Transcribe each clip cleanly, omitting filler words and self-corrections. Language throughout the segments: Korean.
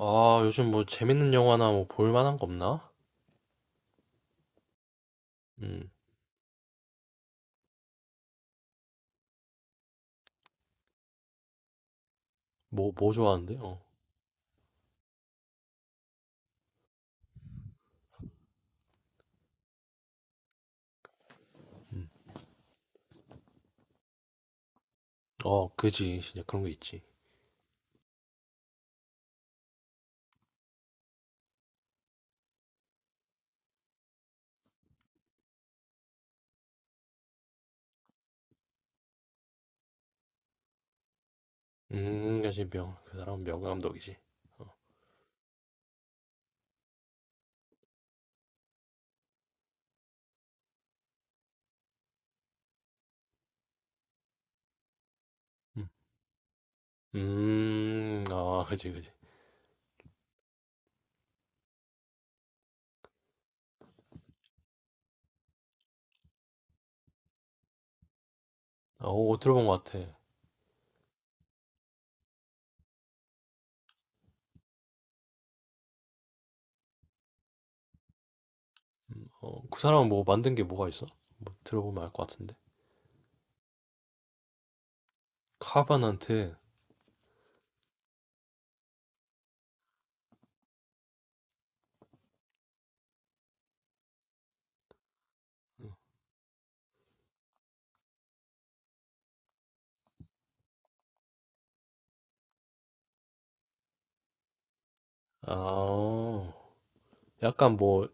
아, 요즘 뭐 재밌는 영화나 뭐 볼만한 거 없나? 음, 뭐 좋아하는데? 어, 어, 그지. 진짜 그런 거 있지. 그지. 명, 그 사람은 명감독이지. 어, 음, 아, 그지, 그지. 아, 어, 어, 들어본 것 같아. 어, 그 사람은 뭐 만든 게 뭐가 있어? 뭐 들어보면 알 것 같은데. 카바넌트. 아, 약간 뭐,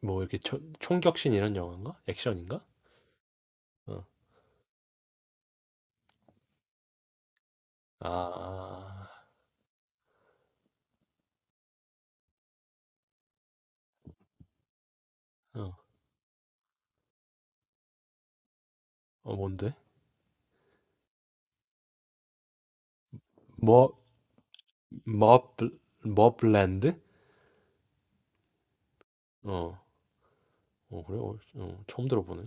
뭐 이렇게 초- 총격신 이런 영화인가? 액션인가? 어, 아, 아, 어, 어, 뭔데? 머, 머블, 머블랜드? 어, 어, 그래? 어, 어, 처음 들어보네.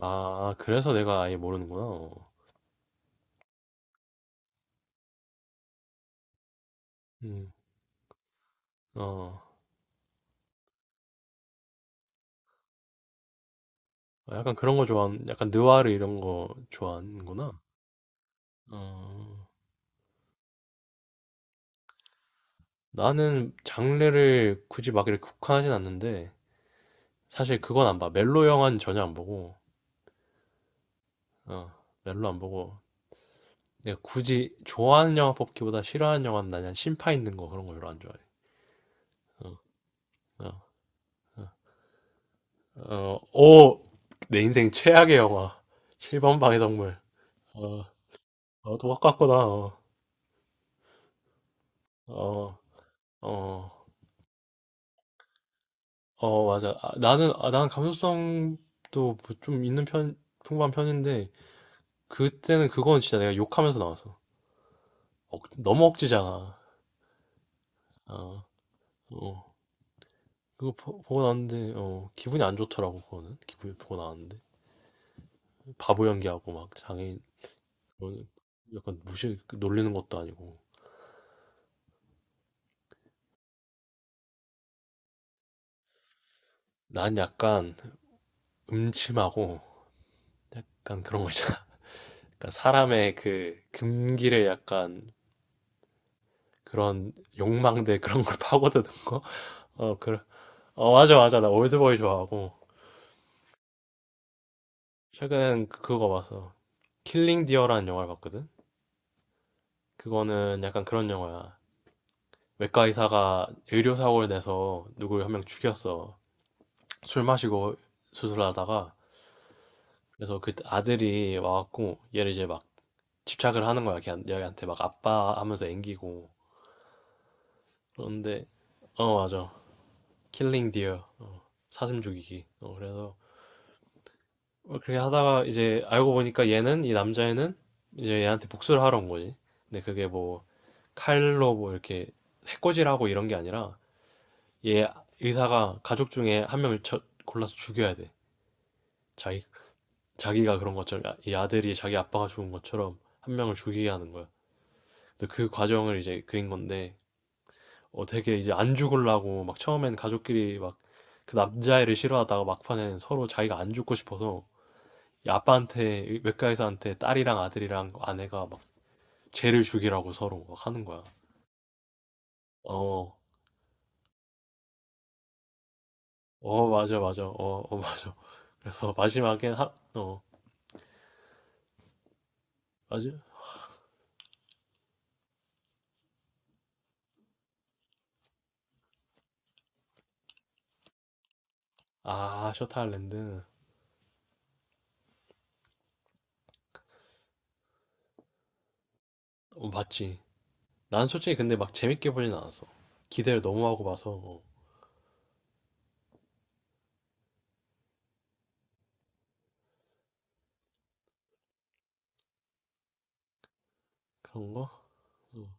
아, 아, 그래서 내가 아예 모르는구나. 어. 음, 어, 아, 약간 그런 거 좋아하는, 약간 느와르 이런 거 좋아하는구나. 어, 나는 장르를 굳이 막 이렇게 국한하진 않는데, 사실 그건 안 봐. 멜로 영화는 전혀 안 보고, 어, 멜로 안 보고, 내가 굳이 좋아하는 영화 뽑기보다 싫어하는 영화는 나는 심파 있는 거 그런 거 별로 안 좋아해. 어, 어, 어, 어, 오! 내 인생 최악의 영화. 7번 방의 동물. 어, 어, 똑같구나. 어, 어, 어, 어, 맞아. 아, 나는, 아, 난 감수성도 뭐좀 있는 편, 풍부한 편인데, 그때는 그건 진짜 내가 욕하면서 나왔어. 억, 너무 억지잖아. 어, 어. 그거 보, 고 나왔는데, 어, 기분이 안 좋더라고, 그거는. 기분이 보고 나왔는데. 바보 연기하고 막 장애인, 그런 약간 무시, 놀리는 것도 아니고. 난 약간 음침하고, 약간 그런 거 있잖아. 약간 사람의 그 금기를 약간 그런 욕망들 그런 걸 파고드는 거? 어, 그래. 어, 맞아, 맞아. 나 올드보이 좋아하고. 최근엔 그- 그거 봤어. 킬링 디어라는 영화를 봤거든? 그거는 약간 그런 영화야. 외과 의사가 의료사고를 내서 누구를 한 명 죽였어. 술 마시고 수술하다가. 그래서 그 아들이 와갖고 얘를 이제 막 집착을 하는 거야. 걔한- 얘한테 막 아빠 하면서 앵기고. 그런데, 어, 맞아. 킬링 디어. 어, 사슴 죽이기. 어, 그래서 어, 그렇게 하다가 이제 알고 보니까 얘는 이 남자애는 이제 얘한테 복수를 하러 온 거지. 근데 그게 뭐 칼로 뭐 이렇게 해코지하고 이런 게 아니라 얘 의사가 가족 중에 한 명을 쳐- 골라서 죽여야 돼. 자기 자기가 그런 것처럼 아- 이 아들이 자기 아빠가 죽은 것처럼 한 명을 죽이게 하는 거야. 근데 그 과정을 이제 그린 건데 어 되게 이제 안 죽으려고 막 처음엔 가족끼리 막 그 남자애를 싫어하다가 막판에는 서로 자기가 안 죽고 싶어서 이 아빠한테 외과 의사한테 딸이랑 아들이랑 아내가 막 죄를 죽이라고 서로 막 하는 거야. 어, 어, 맞아, 맞아, 어, 어, 맞아. 그래서 마지막엔 하, 어, 맞아? 아, 셔터 아일랜드. 어, 맞지. 난 솔직히 근데 막 재밌게 보진 않았어. 기대를 너무 하고 봐서, 어, 그런 거? 어,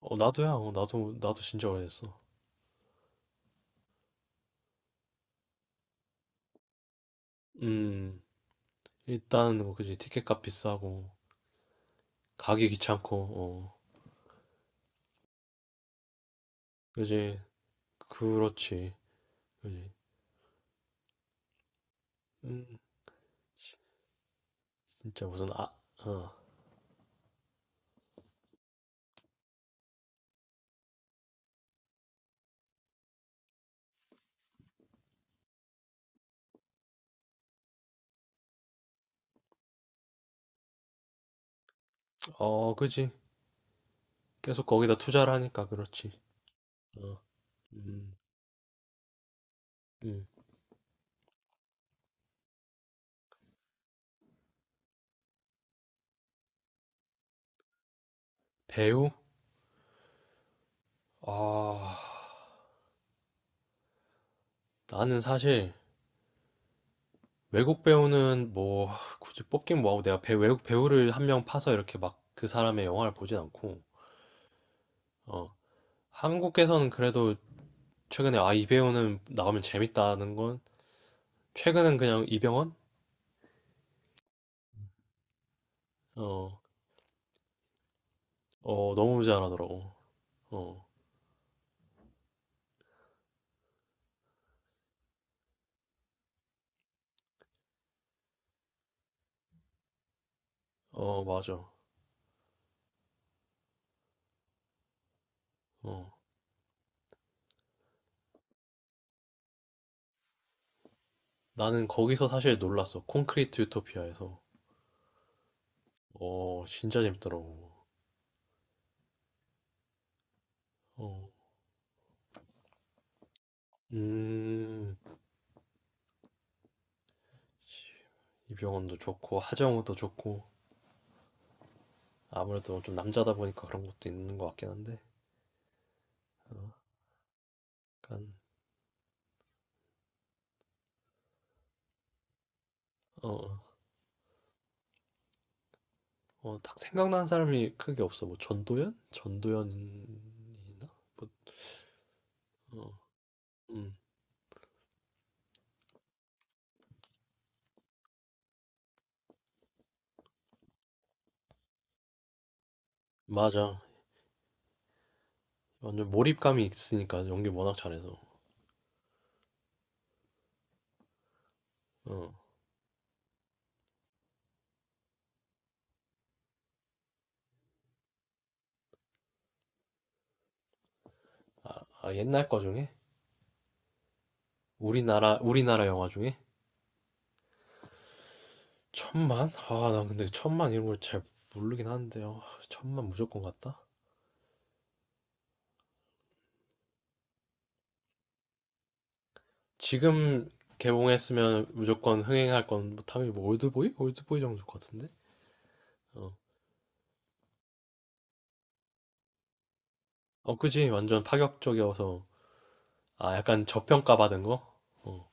어, 나도야, 어, 나도, 나도 진짜 오래됐어. 음, 일단, 뭐, 그지. 티켓값 비싸고, 가기 귀찮고, 어, 그지. 그렇지. 그지. 음, 진짜 무슨, 아, 어, 어, 그지. 계속 거기다 투자를 하니까 그렇지. 어. 음, 음. 배우? 아, 나는 사실 외국 배우는 뭐 굳이 뽑긴 뭐하고 내가 배, 외국 배우를 한 명 파서 이렇게 막 그 사람의 영화를 보진 않고, 어, 한국에서는 그래도 최근에 아, 이 배우는 나오면 재밌다는 건 최근엔 그냥 이병헌? 어, 어, 너무 잘하더라고. 어, 어, 맞아. 어, 나는 거기서 사실 놀랐어. 콘크리트 유토피아에서. 어, 진짜 재밌더라고. 어, 음. 이병헌도 좋고 하정우도 좋고 아무래도 좀 남자다 보니까 그런 것도 있는 것 같긴 한데 어, 약간 어, 어, 어, 딱 생각나는 사람이 크게 없어 뭐 전도연? 전도연 뭐, 어, 음 맞아 완전 몰입감이 있으니까 연기 워낙 잘해서 어, 아 옛날 거 중에 우리나라 영화 중에 천만? 아 난 근데 천만 이런 걸 잘 모르긴 하는데 요 천만 무조건 같다 지금 개봉했으면 무조건 흥행할 건뭐 당연히 뭐 올드보이? 올드보이 정도 같은데? 어, 어, 그지. 완전 파격적이어서. 아, 약간 저평가 받은 거? 어,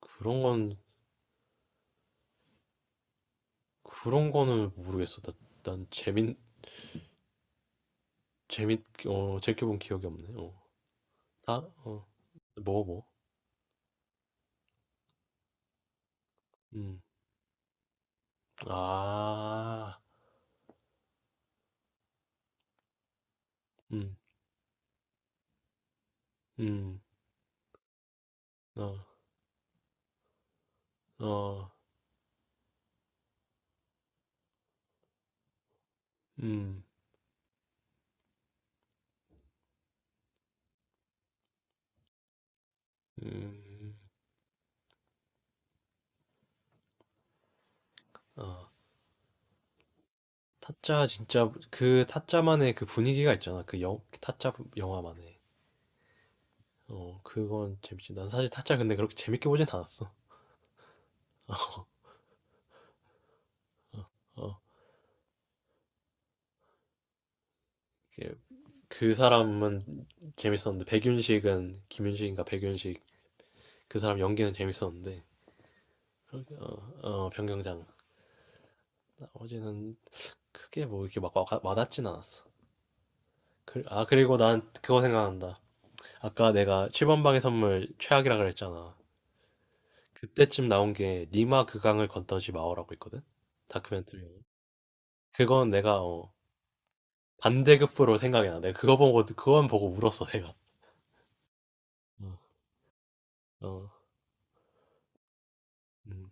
그런 건, 그런 거는 모르겠어. 나, 난 재밌, 어, 재껴본 기억이 없네. 어, 다, 어, 뭐, 뭐. 음, 아, 음, 음, 어, 어, 음, 음, 어. 타짜, 진짜, 그 타짜만의 그 분위기가 있잖아. 그 영, 타짜 영화만의. 어, 그건 재밌지. 난 사실 타짜 근데 그렇게 재밌게 보진 않았어. 어. 그 사람은 재밌었는데 백윤식은 김윤식인가 백윤식 그 사람 연기는 재밌었는데 어, 어, 변경장 나머지는 크게 뭐 이렇게 막 와, 와닿진 않았어. 그, 아 그리고 난 그거 생각난다. 아까 내가 7번 방의 선물 최악이라 그랬잖아. 그때쯤 나온 게 니마 그강을 건너지 마오라고 있거든. 다큐멘터리. 그건 내가 어, 반대급부로 생각이 나. 내가 그거 보고 그건 보고 울었어 내가. 어, 어, 음,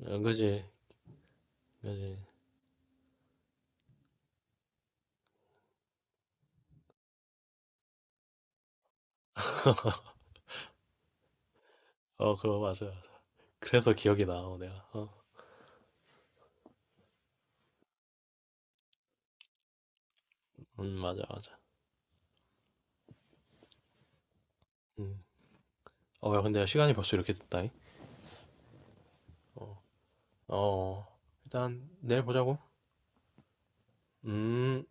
응, 그지, 그지. 어, 그거 맞아. 그래서 기억이 나, 어, 내가. 어. 맞아, 맞아. 음. 어, 야, 근데 시간이 벌써 이렇게 됐다잉. 어, 어, 어. 일단 내일 보자고. 음.